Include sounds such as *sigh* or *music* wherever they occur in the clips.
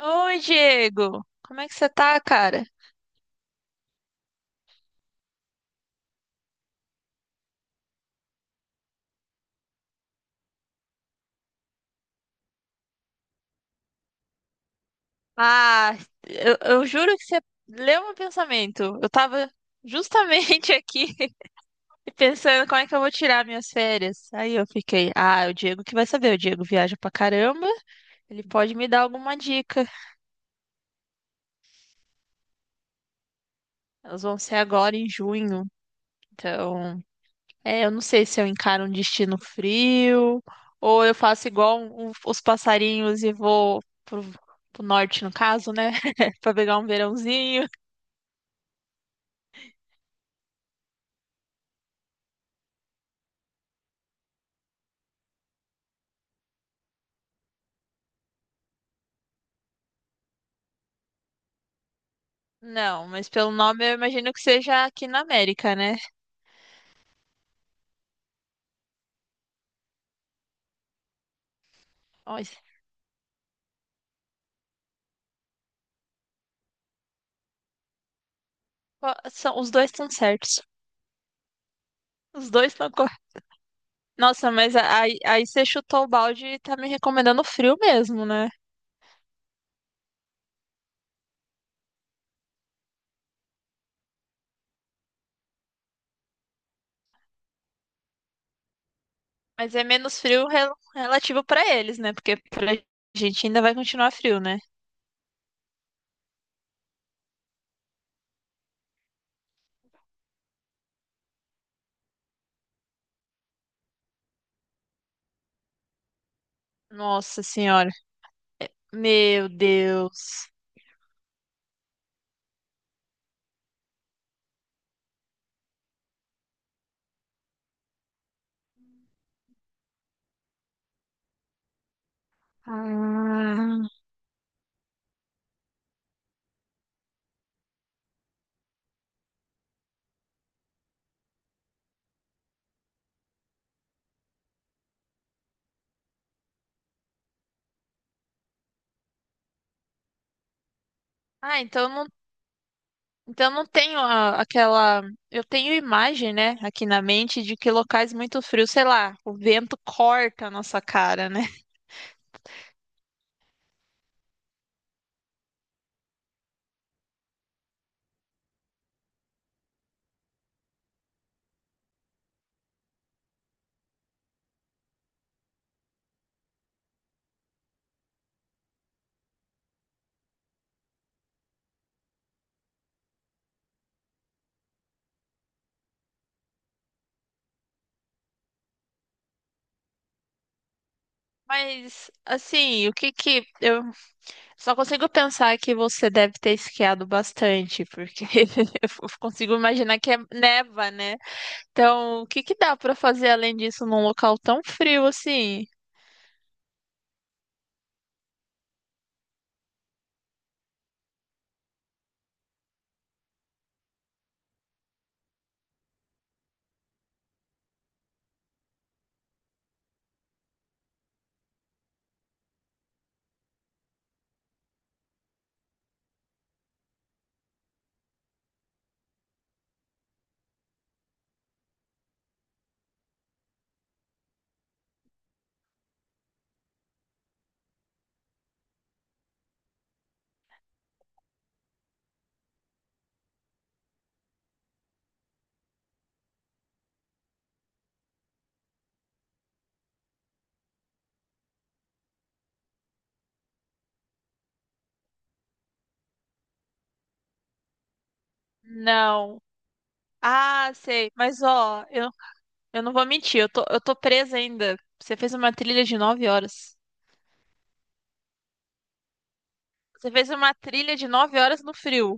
Oi, Diego. Como é que você tá, cara? Ah, eu juro que você leu meu pensamento. Eu tava justamente *laughs* aqui pensando como é que eu vou tirar minhas férias. Aí eu fiquei, ah, o Diego que vai saber. O Diego viaja pra caramba. Ele pode me dar alguma dica. Elas vão ser agora em junho. Então, é, eu não sei se eu encaro um destino frio ou eu faço igual os passarinhos e vou pro norte, no caso, né? *laughs* Pra pegar um verãozinho. Não, mas pelo nome eu imagino que seja aqui na América, né? Olha, ó, os dois estão certos. Os dois estão corretos. Nossa, mas aí, aí você chutou o balde e tá me recomendando frio mesmo, né? Mas é menos frio relativo pra eles, né? Porque pra gente ainda vai continuar frio, né? Nossa senhora. Meu Deus. Ah, ah então Então não tenho aquela. Eu tenho imagem, né, aqui na mente de que locais muito frios, sei lá, o vento corta a nossa cara, né? *laughs* Mas, assim, o que que. Eu só consigo pensar que você deve ter esquiado bastante, porque *laughs* eu consigo imaginar que é neva, né? Então, o que que dá pra fazer além disso num local tão frio assim? Não. Ah, sei. Mas ó, eu não vou mentir, eu tô presa ainda. Você fez uma trilha de nove horas. Você fez uma trilha de nove horas no frio.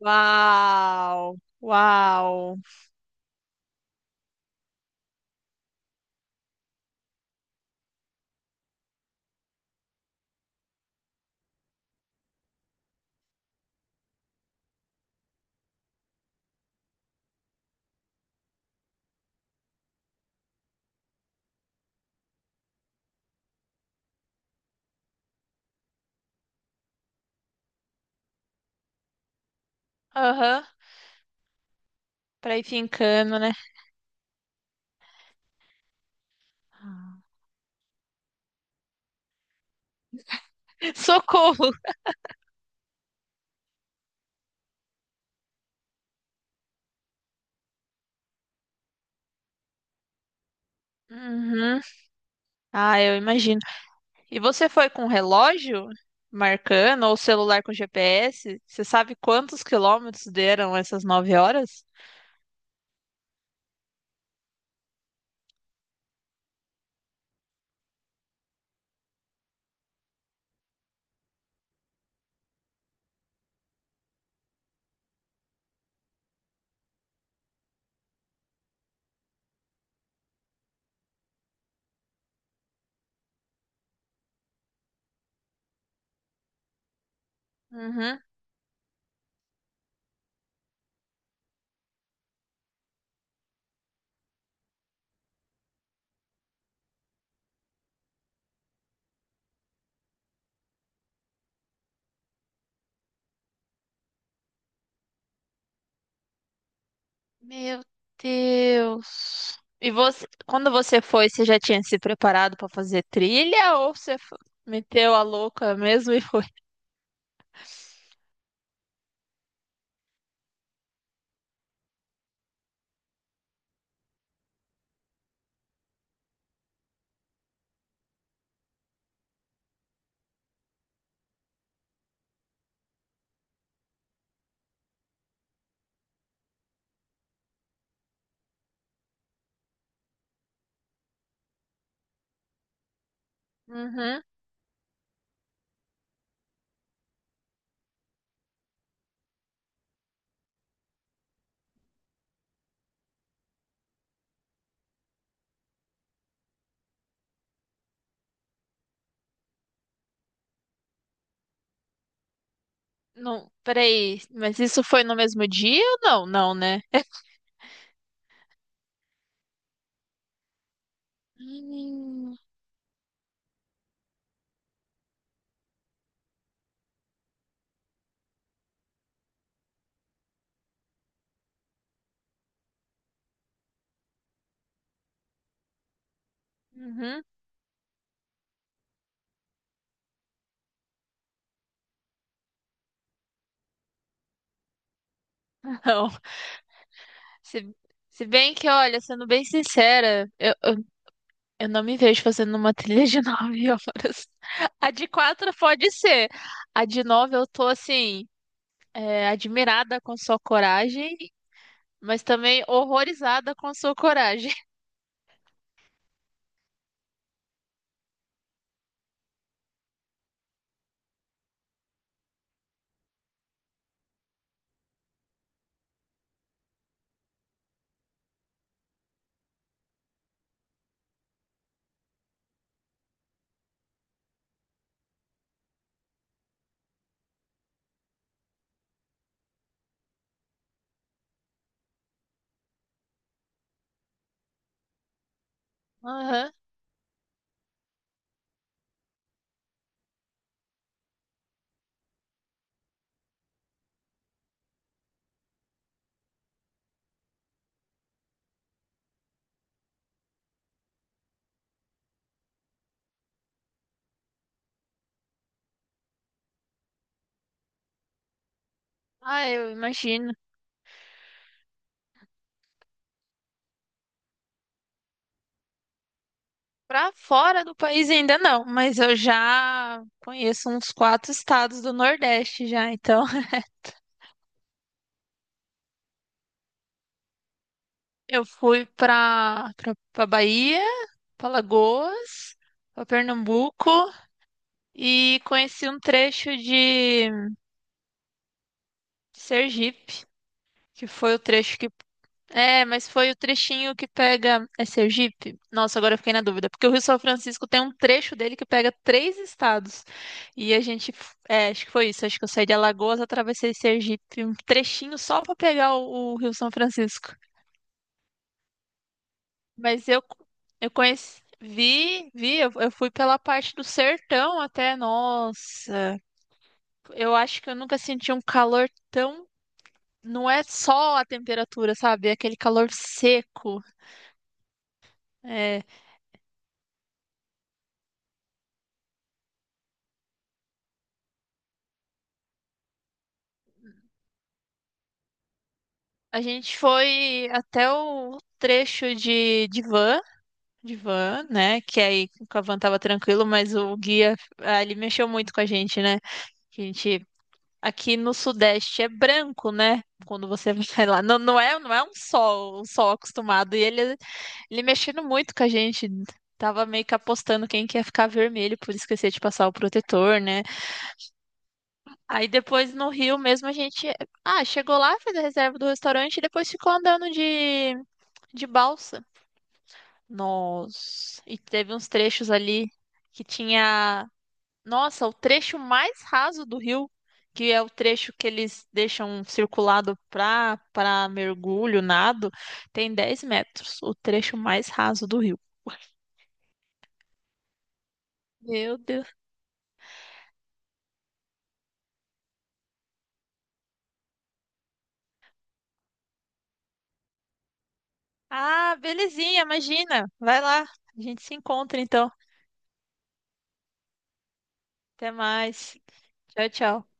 Uau! Uau! Aham. Pra ir fincando, né? *laughs* Socorro! Uhum. Ah, eu imagino. E você foi com relógio marcando ou celular com GPS? Você sabe quantos quilômetros deram essas nove horas? Uhum. Meu Deus. E você, quando você foi, você já tinha se preparado para fazer trilha ou você meteu a louca mesmo e foi? Uhum. Não, peraí, mas isso foi no mesmo dia ou não? Não, né? Hum. Uhum. *laughs* Não. Se, se bem que, olha, sendo bem sincera, eu não me vejo fazendo uma trilha de *laughs* nove horas. A de quatro pode ser. A de nove eu tô assim, é, admirada com sua coragem mas também horrorizada com a sua coragem. *laughs* Aham. Ah, eu imagino. Pra fora do país ainda não, mas eu já conheço uns quatro estados do Nordeste já, então *laughs* eu fui pra Bahia, pra Lagoas, pra Pernambuco e conheci um trecho de Sergipe, que foi o trecho que. É, mas foi o trechinho que pega. É Sergipe? Nossa, agora eu fiquei na dúvida. Porque o Rio São Francisco tem um trecho dele que pega três estados. E a gente. É, acho que foi isso. Acho que eu saí de Alagoas, atravessei Sergipe. Um trechinho só pra pegar o Rio São Francisco. Mas eu conheci. Vi, vi. Eu fui pela parte do sertão até. Nossa. Eu acho que eu nunca senti um calor tão. Não é só a temperatura, sabe? É aquele calor seco. É. A gente foi até o trecho de van, né? Que aí com a van tava tranquilo, mas o guia ah, ele mexeu muito com a gente, né? Que a gente aqui no Sudeste é branco, né? Quando você *laughs* vai lá, não é, não é um sol acostumado. E ele mexendo muito com a gente. Tava meio que apostando quem que ia ficar vermelho por esquecer de passar o protetor, né? Aí depois no Rio mesmo a gente, ah, chegou lá, fez a reserva do restaurante e depois ficou andando de balsa. Nós. E teve uns trechos ali que tinha. Nossa, o trecho mais raso do rio, que é o trecho que eles deixam circulado para mergulho, nado, tem 10 metros. O trecho mais raso do rio. Meu Deus. Ah, belezinha, imagina. Vai lá. A gente se encontra então. Até mais. Tchau, tchau.